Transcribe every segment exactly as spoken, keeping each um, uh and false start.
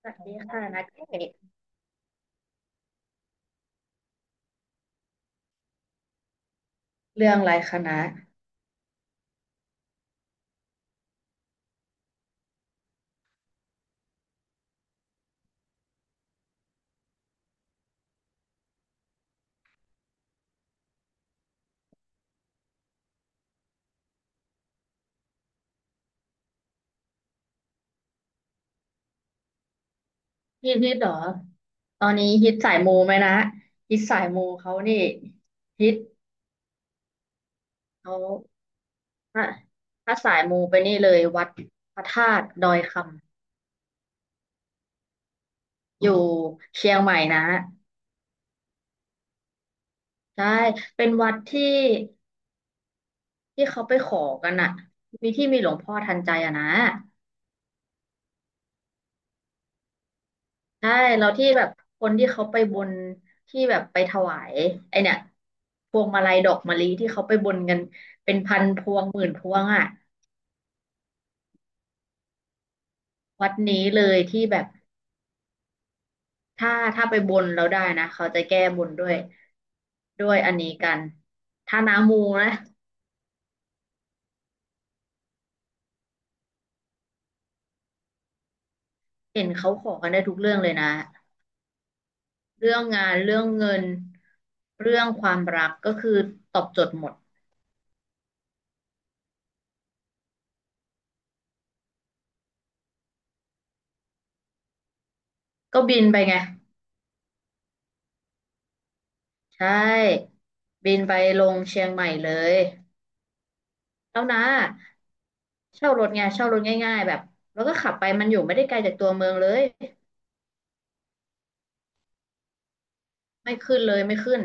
สวัสดีค่ะนัดเอกเรื่องอะไรคะนะฮิตฮิตเหรอตอนนี้ฮิตสายมูไหมนะฮิตสายมูเขานี่ฮิตเขาถ้าถ้าสายมูไปนี่เลยวัดพระธาตุดอยคำอยู่เชียงใหม่นะใช่เป็นวัดที่ที่เขาไปขอกันอะมีที่มีหลวงพ่อทันใจอะนะ ใช่เราที่แบบคนที่เขาไปบนที่แบบไปถวายไอเนี่ยพวงมาลัยดอกมะลิที่เขาไปบนกันเป็นพันพวงหมื่นพวงอ่ะวัดนี้เลยที่แบบถ้าถ้าไปบนแล้วได้นะเขาจะแก้บนด้วยด้วยอันนี้กันถ้าน้ามูนะเห็นเขาขอกันได้ทุกเรื่องเลยนะเรื่องงานเรื่องเงินเรื่องความรักก็คือตอบโจทย์หมดก็บินไปไงใช่บินไปลงเชียงใหม่เลยแล้วนะ เช่ารถไงเช่ารถง่ายๆแบบแล้วก็ขับไปมันอยู่ไม่ได้ไกลจากตัวเมืองเลยไม่ขึ้นเลยไม่ขึ้น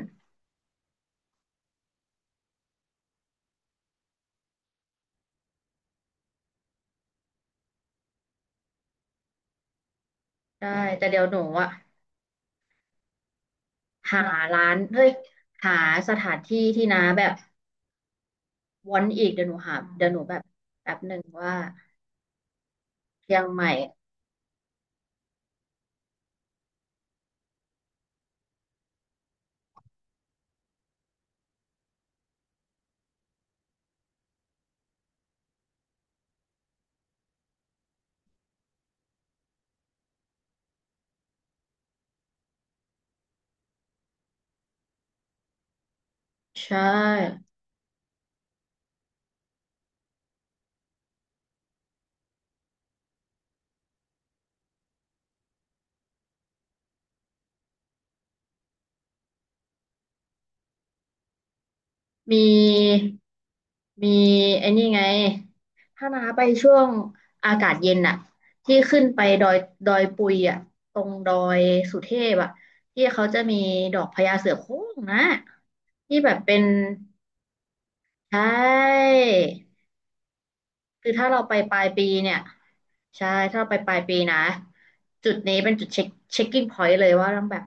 ใช่แต่เดี๋ยวหนูอะหาร้านเฮ้ยหาสถานที่ที่น้าแบบวอนอีกเดี๋ยวหนูหาเดี๋ยวหนูแบบแบบหนึ่งว่าเชียงใหม่ใช่ มีมีไอ้นี่ไงถ้าน้าไปช่วงอากาศเย็นอะที่ขึ้นไปดอยดอยปุยอะตรงดอยสุเทพอะที่เขาจะมีดอกพญาเสือโคร่งนะที่แบบเป็นใช่คือถ้าเราไปปลายปีเนี่ยใช่ถ้าเราไปปลายปีนะจุดนี้เป็นจุดเช็คเช็คกิ้งพอยต์เลยว่าต้องแบบ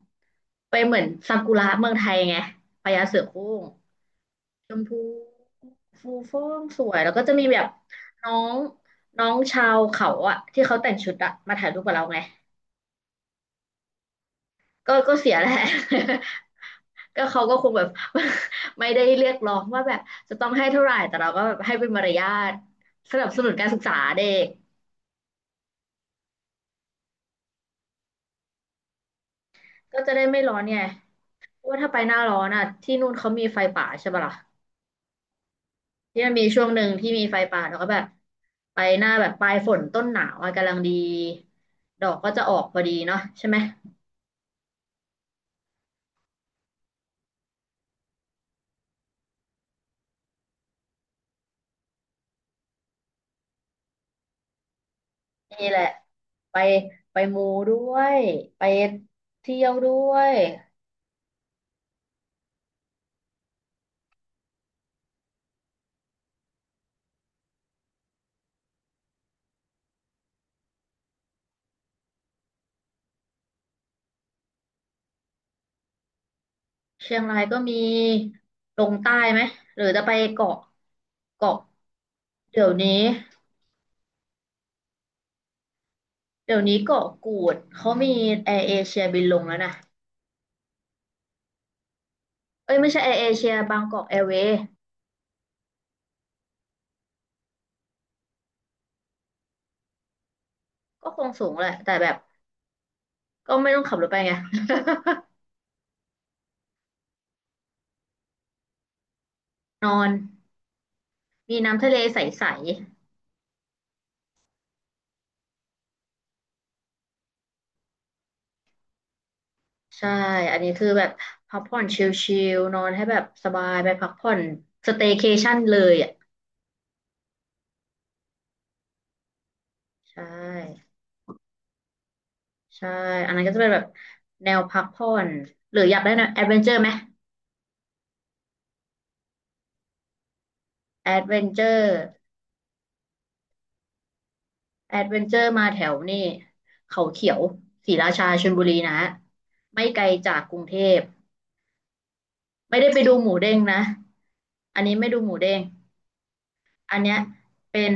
ไปเหมือนซากุระเมืองไทยไงพญาเสือโคร่ง ชมพูฟูฟ่องสวยแล้วก็จะมีแบบน้องน้องชาวเขาอะที่เขาแต่งชุดอะมาถ่ายรูปกับเราไงก็ก็เสียแหละ ก็เขาก็คงแบบ ไม่ได้เรียกร้องว่าแบบจะต้องให้เท่าไหร่แต่เราก็แบบให้เป็นมารยาทสนับสนุนการศึกษาเด็กก็จะได้ไม่ร้อนไงเพราะว่าถ้าไปหน้าร้อนอะที่นู่นเขามีไฟป่าใช่ปะล่ะ ที่มันมีช่วงหนึ่งที่มีไฟป่าแล้วก็แบบไปหน้าแบบปลายฝนต้นหนาวอะกำลังดีดอกก็จะออกพอดีเนาะใช่ไหมนี่แหละไปไปมูด้วยไปเที่ยวด้วยเชียงรายก็มีลงใต้ไหมหรือจะไปเกาะเกาะเดี๋ยวนี้เดี๋ยวนี้เกาะกูดเขามีแอร์เอเชียบินลงแล้วนะเอ้ยไม่ใช่แอร์เอเชียบางกอกแอร์เวย์ก็คงสูงแหละแต่แบบก็ไม่ต้องขับรถไปไงนอน มีน้ำทะเลใสๆใช่อันนี้คือแบบพักผ่อนชิลๆนอนให้แบบสบายไปพักผ่อนสเต y c a t i o นเลยอ่ะใช่ใช่อันนั้นก็จะเป็นแบบแนวพักผ่อนหรืออยากได้แนวแอดเวนเจอร์ไหมแอดเวนเจอร์แอดเวนเจอร์มาแถวนี่เขาเขียวศรีราชาชลบุรีนะไม่ไกลจากกรุงเทพไม่ได้ไปดูหมูเด้งนะอันนี้ไม่ดูหมูเด้งอันเนี้ยเป็น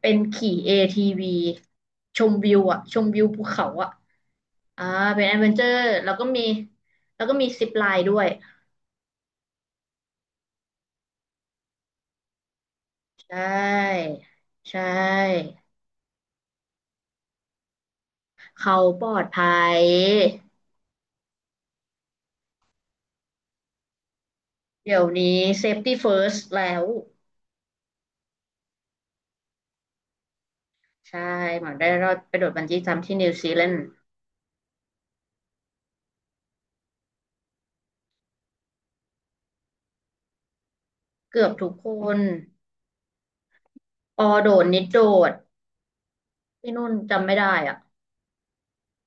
เป็นขี่ เอ ที วี ชมวิวอ่ะชมวิวภูเขาอ่ะอ่าเป็นแอดเวนเจอร์แล้วก็มี แล้วก็มีซิปไลน์ด้วย ใช่ ใช่ เขาปลอดภัยเดี๋ยวนี้ safety first แล้ว ใช่หมัอนได้รอดไปโดดบันจี้จัมพ์ที่นิวซีแลนด์เกือบทุกคนออโดดนิดโดดที่นู่นจำไม่ได้อ่ะ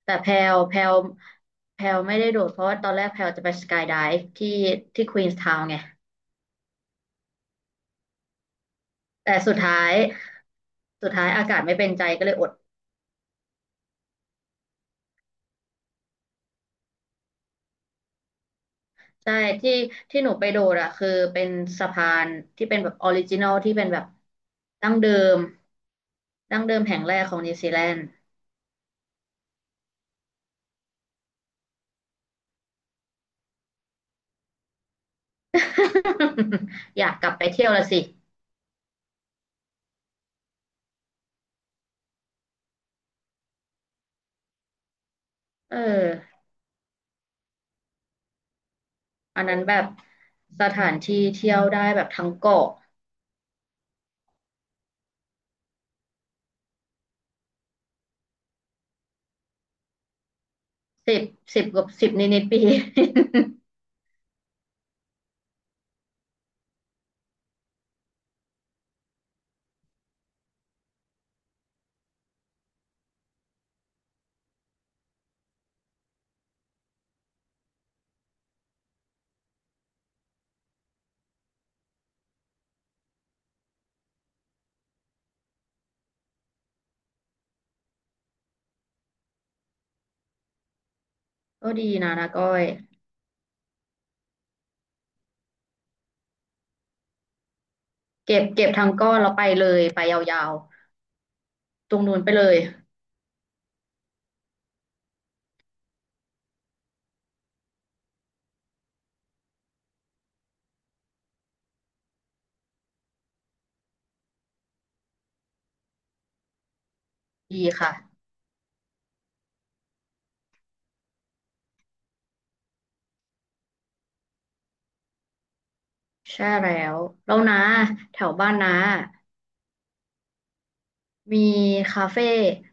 แต่แพลวแพลวแพลวไม่ได้โดดเพราะว่าตอนแรกแพลวจะไปสกายไดฟ์ที่ที่ควีนส์ทาวน์ไง แต่สุดท้ายสุดท้ายอากาศไม่เป็นใจก็เลยอดใช่ที่ที่หนูไปโดดอะคือเป็นสะพานที่เป็นแบบออริจินอลที่เป็นแบบดั้งเดิมดั้งเดิมแห่งแรกของนิวซีแลนด์ อยากกลับไปเที่ยวละสิเอออันนั้นแบบสถานที่เที่ยวได้แบบทั้งเกาะสิบสิบกับสิบนิดๆปี ก็ดีนะนะก้อยเก็บเก็บทั้งก้อนแล้วไปเลยไปยาวๆตรงนู้นไปเลยดีค่ะ ใช่แล้วแล้วนะแถวบ้านนะมีคาเฟ่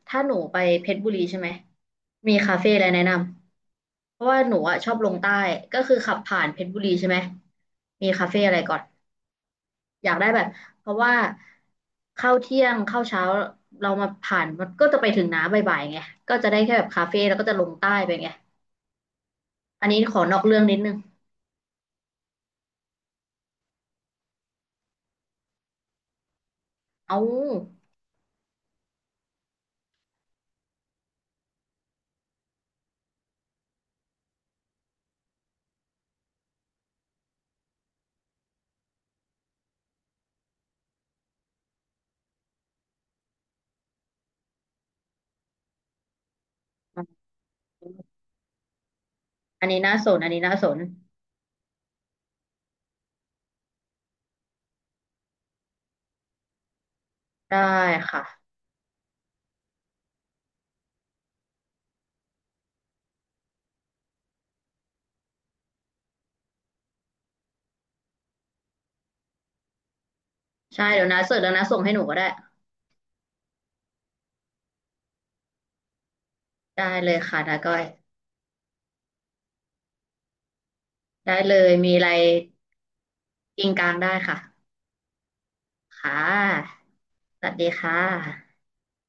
ถ้าหนูไปเพชรบุรีใช่ไหมมีคาเฟ่อะไรแนะนำเพราะว่าหนูอะชอบลงใต้ก็คือขับผ่านเพชรบุรีใช่ไหมมีคาเฟ่อะไรก่อนอยากได้แบบเพราะว่าเข้าเที่ยงเข้าเช้าเรามาผ่านมันก็จะไปถึงน้าบ่ายๆไงก็จะได้แค่แบบคาเฟ่แล้วก็จะลงใต้ไปไงอันนี้ขอนอกเรื่องนิดนึงเอาอันนี้น่าสนอันนี้น่าสนได้ค่ะใช่เดี๋ยวนาเสิร์ชแล้วนาส่งให้หนูก็ได้ ได้เลยค่ะนาก้อยได้เลยมีอะไรกินกลางได้ค่ะค่ะสวัสดีค่ะ